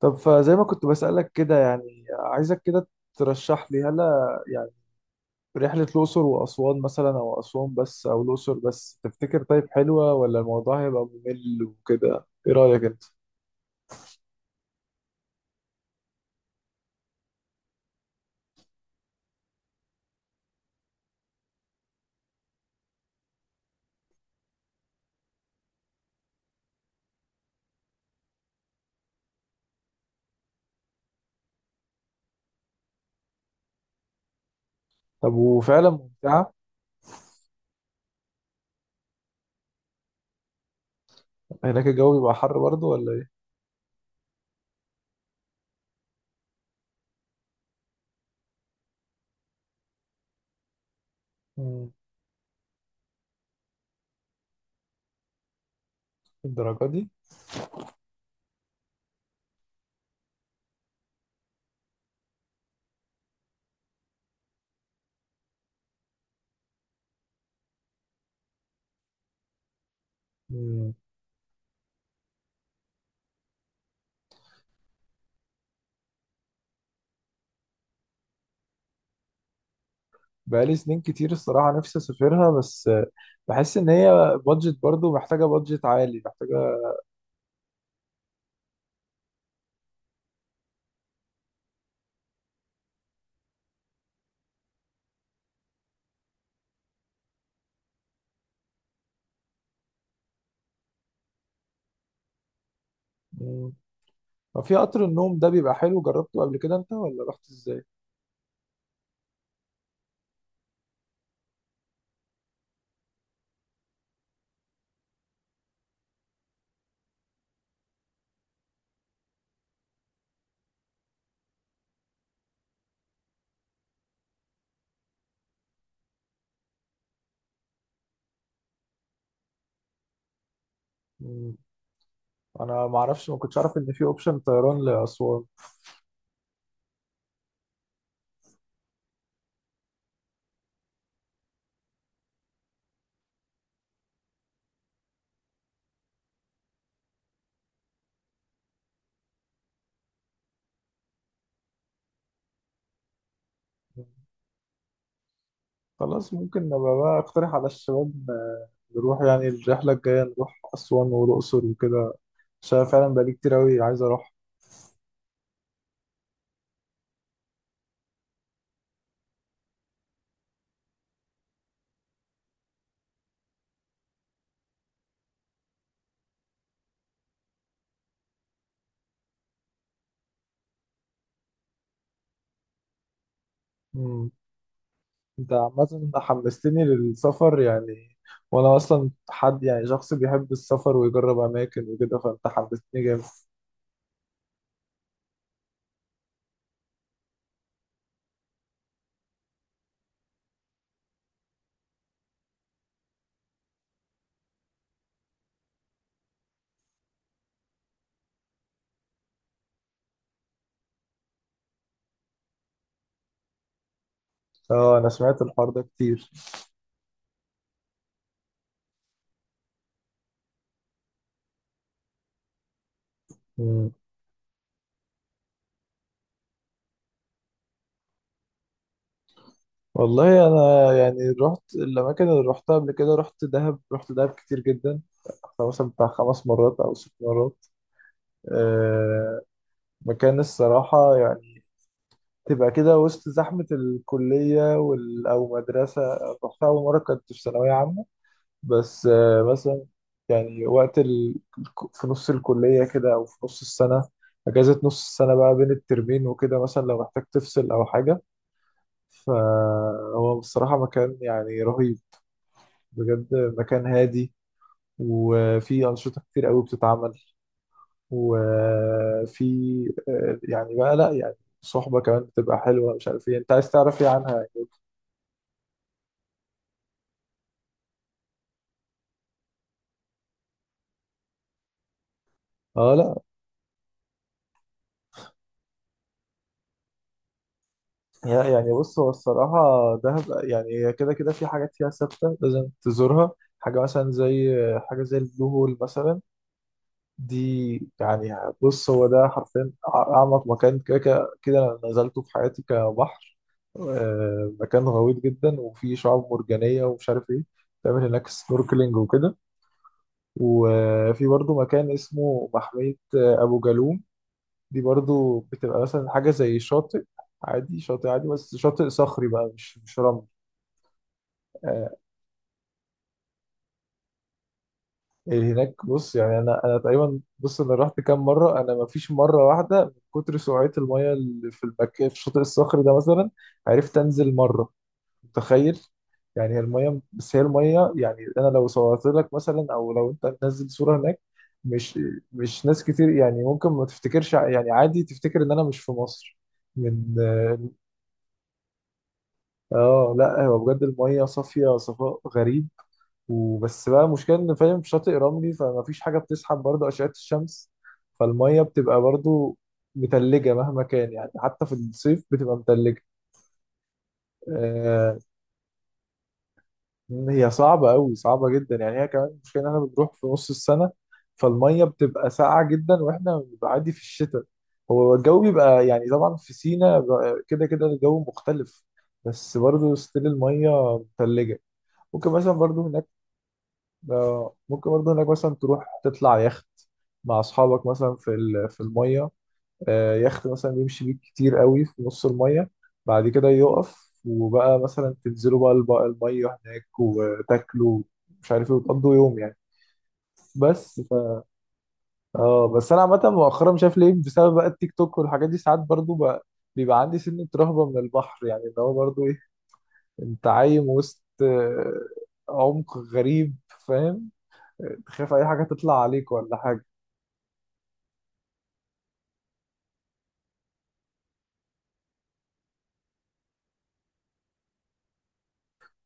طب فزي ما كنت بسألك كده، يعني عايزك كده ترشح لي هلا يعني رحلة الأقصر وأسوان مثلا، أو أسوان بس أو الأقصر بس. تفتكر طيب حلوة ولا الموضوع هيبقى ممل وكده؟ إيه رأيك أنت؟ طب وفعلا ممتعة؟ هناك الجو بيبقى حر برضه ولا إيه؟ مم. الدرجة دي؟ مم. بقالي سنين كتير الصراحة نفسي أسافرها، بس بحس إن هي بادجت، برضه محتاجة بادجت عالي محتاجة. مم. طب في قطر النوم ده بيبقى حلو؟ جربته قبل كده أنت ولا رحت إزاي؟ مم. انا ما اعرفش، ما كنتش اعرف ان في اوبشن طيران لاسوان. خلاص ممكن نبقى بقى اقترح على الشباب نروح يعني الرحله الجايه نروح اسوان والاقصر وكده، عشان فعلا بقالي كتير قوي عايز اروح. مم. انت عامه حمستني للسفر يعني، وانا اصلا حد، يعني شخص بيحب السفر ويجرب اماكن وكده، فانت حمستني جامد. اه انا سمعت الحوار ده كتير. مم. والله انا يعني رحت الاماكن اللي رحتها قبل كده. رحت دهب، رحت دهب كتير جدا. أنا مثلا بتاع 5 مرات او 6 مرات. أه، مكان الصراحه يعني تبقى كده وسط زحمه الكليه وال او مدرسه. رحتها اول مره كنت في ثانويه عامه. بس أه، مثلا يعني وقت في نص الكليه كده او في نص السنه. اجازه نص السنه بقى بين الترمين وكده، مثلا لو محتاج تفصل او حاجه. فهو بصراحه مكان يعني رهيب، بجد. مكان هادي وفي أنشطة كتير قوي بتتعمل، وفي يعني بقى، لا يعني صحبة كمان بتبقى حلوة. مش عارف ايه انت عايز تعرف ايه عنها يعني. اه، لا. يعني بص هو الصراحة، دهب يعني هي كده كده في حاجات فيها ثابتة لازم تزورها. حاجة مثلا زي حاجة زي البلو هول مثلا. دي يعني بص، هو ده حرفيا أعمق مكان كده كده كده أنا نزلته في حياتي كبحر. مكان غويط جدا وفيه شعاب مرجانية ومش عارف إيه. تعمل هناك سنوركلينج وكده. وفي برضو مكان اسمه محمية أبو جالوم. دي برضو بتبقى مثلا حاجة زي شاطئ عادي. شاطئ عادي بس شاطئ صخري بقى، مش رمل. آه، هناك بص، يعني انا تقريبا، بص انا رحت كام مره، انا ما فيش مره واحده من كتر سرعه المايه اللي في المكان في الشاطئ الصخري ده مثلا عرفت انزل مره. متخيل؟ يعني هي المايه، بس هي المايه، يعني انا لو صورت لك مثلا او لو انت تنزل صوره هناك، مش مش ناس كتير يعني ممكن ما تفتكرش يعني عادي تفتكر ان انا مش في مصر من اه. لا هو بجد المايه صافيه صفاء غريب. وبس بقى المشكله ان فاهم، في شاطئ رملي فما فيش حاجه بتسحب برضه اشعه الشمس، فالميه بتبقى برضه متلجه مهما كان يعني، حتى في الصيف بتبقى متلجه. آه. هي صعبه قوي، صعبه جدا يعني. هي كمان المشكله ان احنا بنروح في نص السنه، فالميه بتبقى ساقعه جدا واحنا بنبقى عادي في الشتاء. هو الجو بيبقى يعني طبعا في سينا كده كده الجو مختلف، بس برضه ستيل الميه متلجه. ممكن مثلا برضه هناك، ممكن برضه انك مثلا تروح تطلع يخت مع اصحابك مثلا في في الميه. يخت مثلا يمشي بيك كتير قوي في نص الميه، بعد كده يقف وبقى مثلا تنزلوا بقى الميه هناك وتاكلوا مش عارف ايه، وتقضوا يوم يعني. بس ف... اه بس انا عامه مؤخرا، مش عارف ليه، بسبب بقى التيك توك والحاجات دي، ساعات برضه بقى بيبقى عندي سنة رهبة من البحر. يعني اللي هو برضه ايه، انت عايم وسط عمق غريب، فاهم؟ تخاف اي حاجه تطلع عليك ولا حاجه.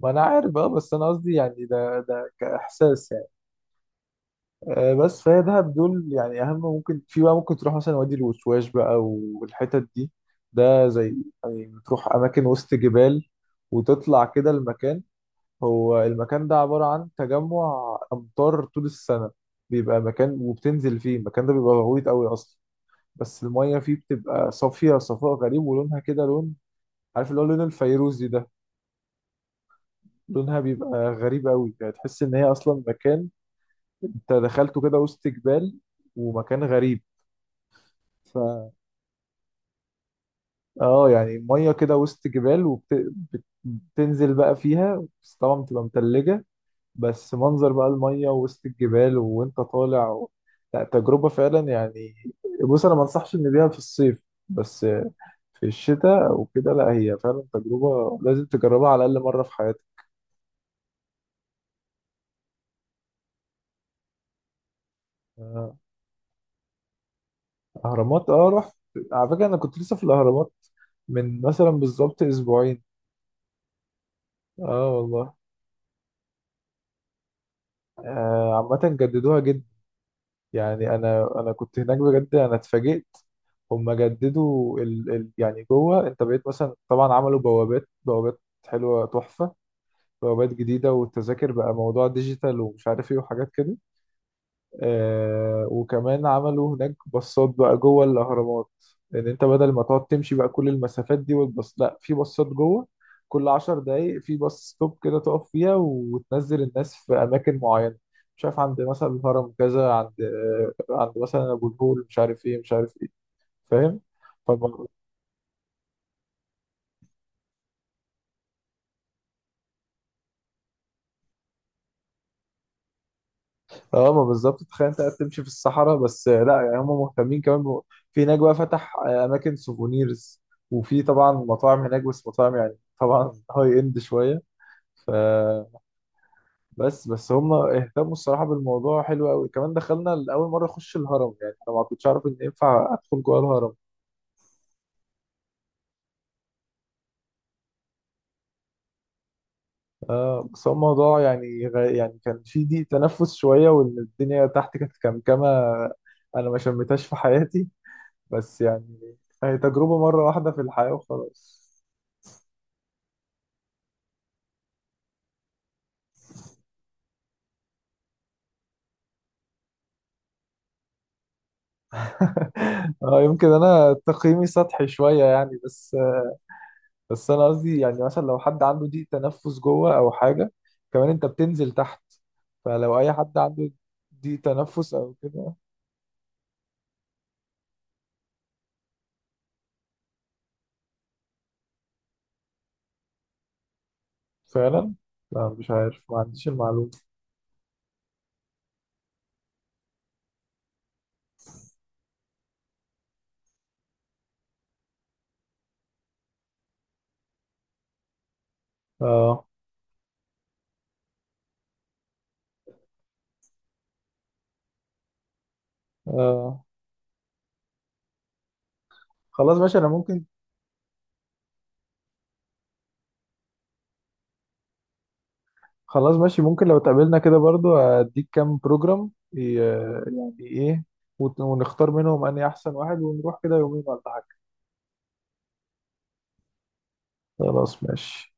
ما انا عارف اه، بس انا قصدي يعني ده كاحساس يعني. بس فهي دهب دول يعني اهم. ممكن في بقى ممكن تروح مثلا وادي الوشواش بقى والحتت دي. ده زي يعني بتروح اماكن وسط جبال، وتطلع كده المكان. هو المكان ده عبارة عن تجمع امطار طول السنة، بيبقى مكان وبتنزل فيه. المكان ده بيبقى غويط قوي اصلا، بس المية فيه بتبقى صافية صفاء غريب ولونها كده لون، عارف اللي هو لون الفيروزي ده. لونها بيبقى غريب قوي يعني، تحس ان هي اصلا مكان انت دخلته كده وسط جبال، ومكان غريب. ف اه يعني ميه كده وسط جبال، وبتنزل بقى فيها بس طبعا بتبقى متلجة. بس منظر بقى الميه وسط الجبال وانت طالع و... لا تجربة فعلا يعني. بص انا ما انصحش ان بيها في الصيف، بس في الشتاء وكده لا هي فعلا تجربة لازم تجربها على الأقل مرة في حياتك. آه، أهرامات، اه رحت. على فكرة أنا كنت لسه في الأهرامات من مثلا بالظبط أسبوعين. اه والله. عامة جددوها جدا يعني. أنا كنت هناك بجد أنا اتفاجئت. هما جددوا يعني جوه أنت بقيت مثلا، طبعا عملوا بوابات، بوابات حلوة تحفة، بوابات جديدة، والتذاكر بقى موضوع ديجيتال ومش عارف إيه وحاجات كده. آه، وكمان عملوا هناك باصات بقى جوه الأهرامات، إن أنت بدل ما تقعد تمشي بقى كل المسافات دي والباص. لأ، في باصات جوه كل 10 دقايق، في باص ستوب كده تقف فيها وتنزل الناس في أماكن معينة، مش عارف عند مثلا الهرم كذا، عند آه عند مثلا أبو الهول، مش عارف إيه مش عارف إيه، فاهم؟ اه ما بالظبط، تخيل انت قاعد تمشي في الصحراء. بس لا يعني هم مهتمين كمان في هناك بقى فتح اماكن سوفونيرز، وفي طبعا مطاعم هناك، بس مطاعم يعني طبعا هاي اند شويه. ف بس، بس هم اهتموا الصراحه بالموضوع حلو قوي. كمان دخلنا لاول مره اخش الهرم، يعني انا ما كنتش اعرف ان ينفع ادخل جوه الهرم. آه، بس هو الموضوع يعني يعني كان في ضيق تنفس شويه، وان الدنيا تحت كانت كمكمه انا ما شميتهاش في حياتي. بس يعني هي تجربة مرة واحدة في الحياة وخلاص. اه، يمكن انا تقييمي سطحي شوية يعني، بس بس انا قصدي يعني مثلا لو حد عنده ضيق تنفس جوه او حاجة، كمان انت بتنزل تحت، فلو اي حد عنده ضيق تنفس او كده. فعلا. لا مش عارف، ما عنديش المعلومة. اه. اه، خلاص ماشي انا ممكن. خلاص ماشي، ممكن لو اتقابلنا كده برضو اديك كام بروجرام، يعني ايه، ونختار منهم اني احسن واحد ونروح كده يومين ولا حاجة. خلاص ماشي.